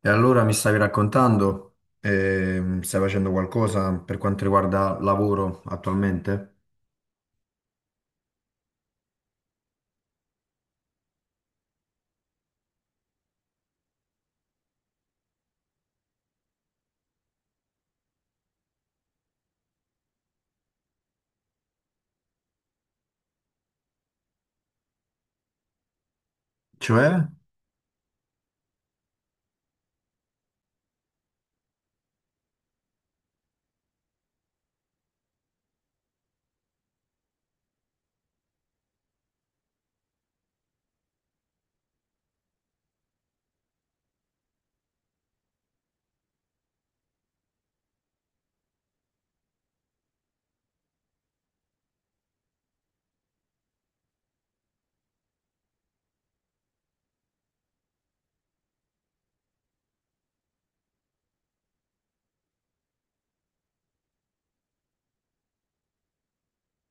E allora mi stavi raccontando, stai facendo qualcosa per quanto riguarda lavoro attualmente? Cioè,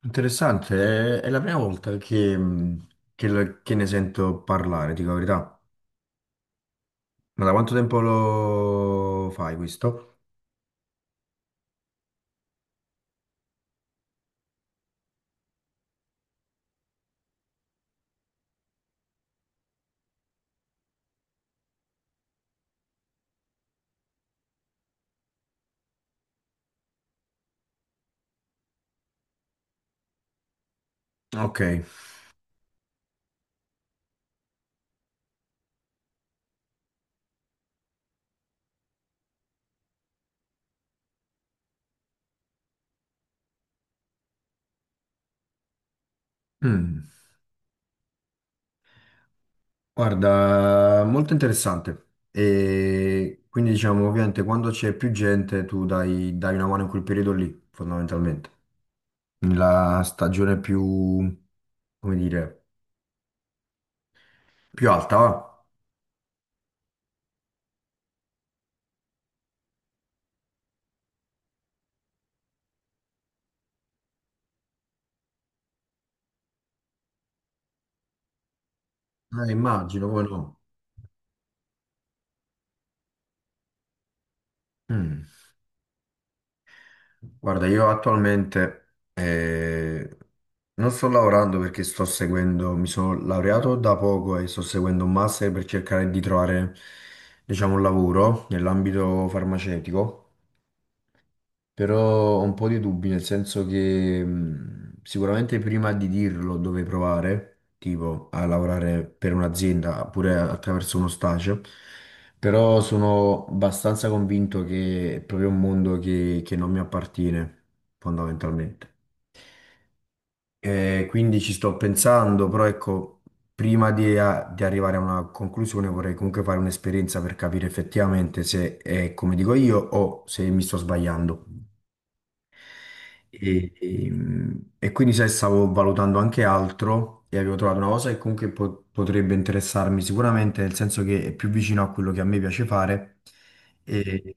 interessante, è la prima volta che che ne sento parlare, dico la verità. Ma da quanto tempo lo fai questo? Ok. Mm. Guarda, molto interessante. E quindi diciamo, ovviamente, quando c'è più gente, tu dai una mano in quel periodo lì, fondamentalmente. Nella stagione più, come dire... più alta, va? Immagino, come no. Mm. Guarda, io attualmente non sto lavorando perché sto seguendo, mi sono laureato da poco e sto seguendo un master per cercare di trovare, diciamo, un lavoro nell'ambito farmaceutico. Però ho un po' di dubbi, nel senso che sicuramente prima di dirlo dove provare, tipo a lavorare per un'azienda oppure attraverso uno stage, però sono abbastanza convinto che è proprio un mondo che non mi appartiene, fondamentalmente. E quindi ci sto pensando, però ecco, prima di, di arrivare a una conclusione vorrei comunque fare un'esperienza per capire effettivamente se è come dico io o se mi sto sbagliando. E quindi sai, stavo valutando anche altro e avevo trovato una cosa che comunque potrebbe interessarmi sicuramente, nel senso che è più vicino a quello che a me piace fare. E,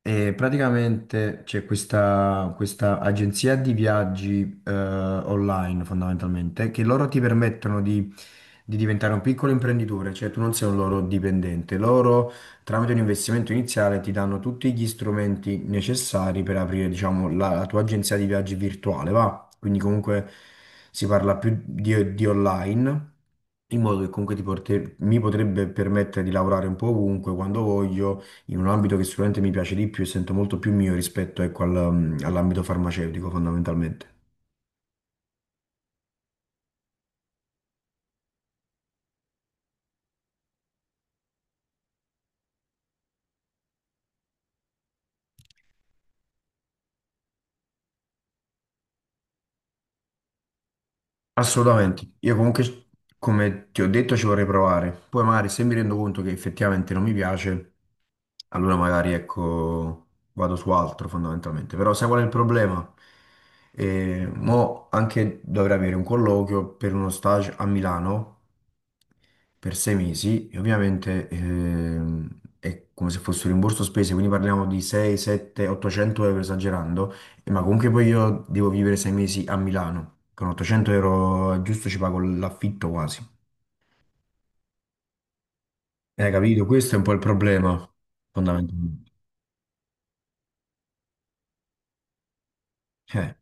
e praticamente c'è questa, questa agenzia di viaggi online fondamentalmente, che loro ti permettono di diventare un piccolo imprenditore, cioè tu non sei un loro dipendente, loro tramite un investimento iniziale ti danno tutti gli strumenti necessari per aprire, diciamo, la, la tua agenzia di viaggi virtuale, va? Quindi comunque si parla più di online, in modo che comunque mi potrebbe permettere di lavorare un po' ovunque, quando voglio, in un ambito che sicuramente mi piace di più e sento molto più mio rispetto, ecco, all'ambito farmaceutico, fondamentalmente. Assolutamente. Io comunque, come ti ho detto, ci vorrei provare. Poi magari se mi rendo conto che effettivamente non mi piace, allora magari ecco, vado su altro fondamentalmente, però sai qual è il problema? Mo anche dovrei avere un colloquio per uno stage a Milano per 6 mesi e ovviamente è come se fosse un rimborso spese, quindi parliamo di 6, 7, 800 euro esagerando, ma comunque poi io devo vivere 6 mesi a Milano, con 800 euro giusto ci pago l'affitto quasi. Capito? Questo è un po' il problema fondamentalmente. Eh.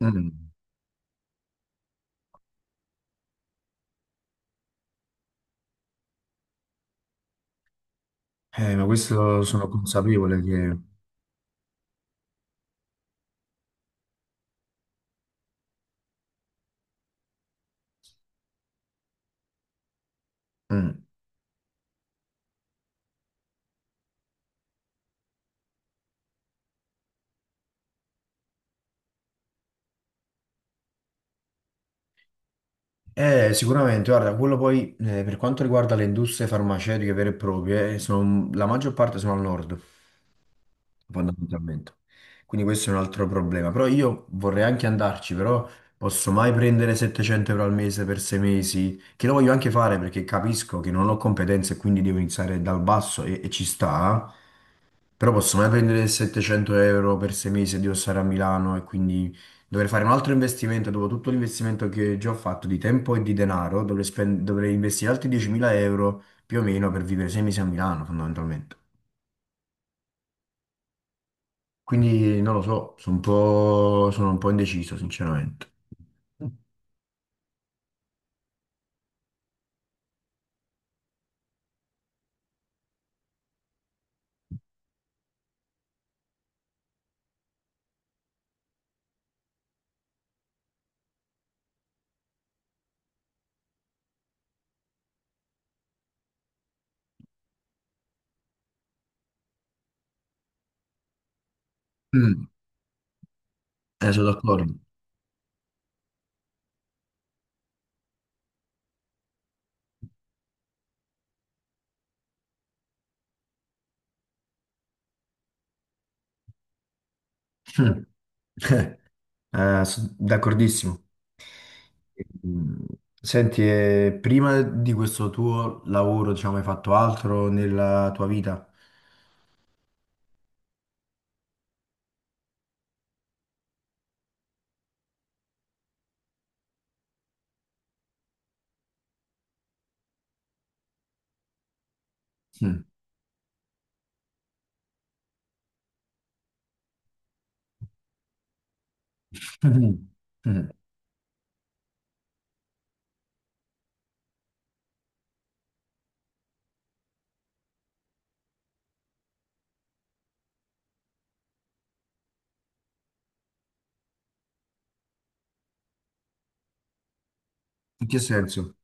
Mm. Ma questo sono consapevole che... Mm. Sicuramente, guarda, quello poi per quanto riguarda le industrie farmaceutiche vere e proprie, la maggior parte sono al nord, fondamentalmente. Quindi questo è un altro problema. Però io vorrei anche andarci, però posso mai prendere 700 euro al mese per 6 mesi, che lo voglio anche fare perché capisco che non ho competenze e quindi devo iniziare dal basso e ci sta. Però posso mai prendere 700 euro per 6 mesi e devo stare a Milano e quindi dovrei fare un altro investimento. Dopo tutto l'investimento che già ho fatto di tempo e di denaro, dovrei, dovrei investire altri 10.000 euro più o meno per vivere 6 mesi a Milano, fondamentalmente. Quindi non lo so, sono un po' indeciso, sinceramente. Mm, sono d'accordo. Mm. Sono d'accordissimo. Mm. Senti, prima di questo tuo lavoro, diciamo, hai fatto altro nella tua vita? Mm. Mhm. Mm. In che senso?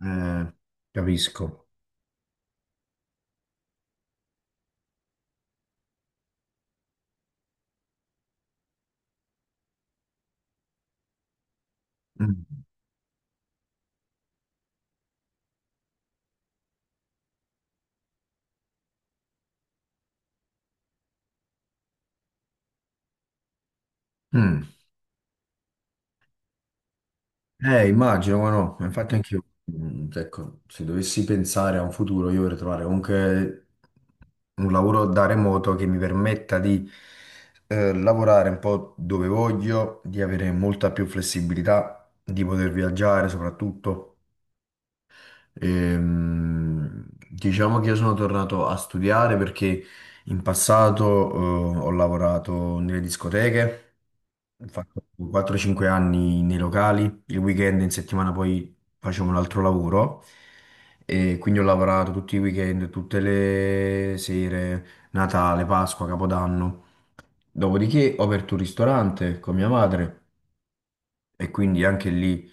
Eh, capisco. Mm. Mm. Immagino, ma no, ma infatti anch'io, mm, ecco, se dovessi pensare a un futuro, io vorrei trovare comunque un lavoro da remoto che mi permetta di lavorare un po' dove voglio, di avere molta più flessibilità, di poter viaggiare soprattutto. Diciamo che io sono tornato a studiare perché in passato, ho lavorato nelle discoteche, ho fatto 4-5 anni nei locali, il weekend in settimana poi facevo un altro lavoro e quindi ho lavorato tutti i weekend, tutte le sere, Natale, Pasqua, Capodanno. Dopodiché ho aperto un ristorante con mia madre e quindi anche lì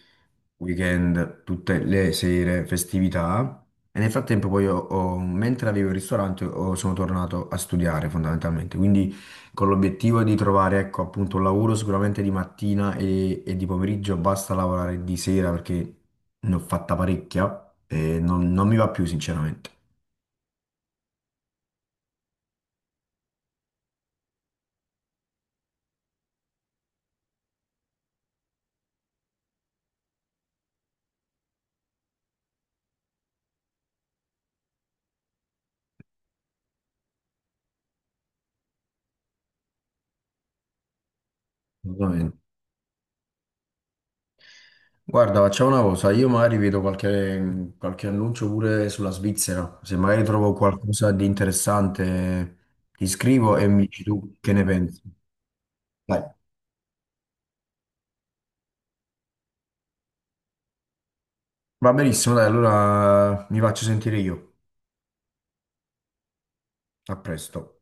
weekend, tutte le sere, festività. E nel frattempo poi mentre avevo il ristorante sono tornato a studiare fondamentalmente, quindi con l'obiettivo di trovare ecco appunto un lavoro sicuramente di mattina e di pomeriggio, basta lavorare di sera perché ne ho fatta parecchia e non, non mi va più sinceramente. Guarda, facciamo una cosa, io magari vedo qualche, qualche annuncio pure sulla Svizzera, se magari trovo qualcosa di interessante ti scrivo e mi dici tu che ne pensi. Dai. Va benissimo, dai, allora mi faccio sentire io. A presto.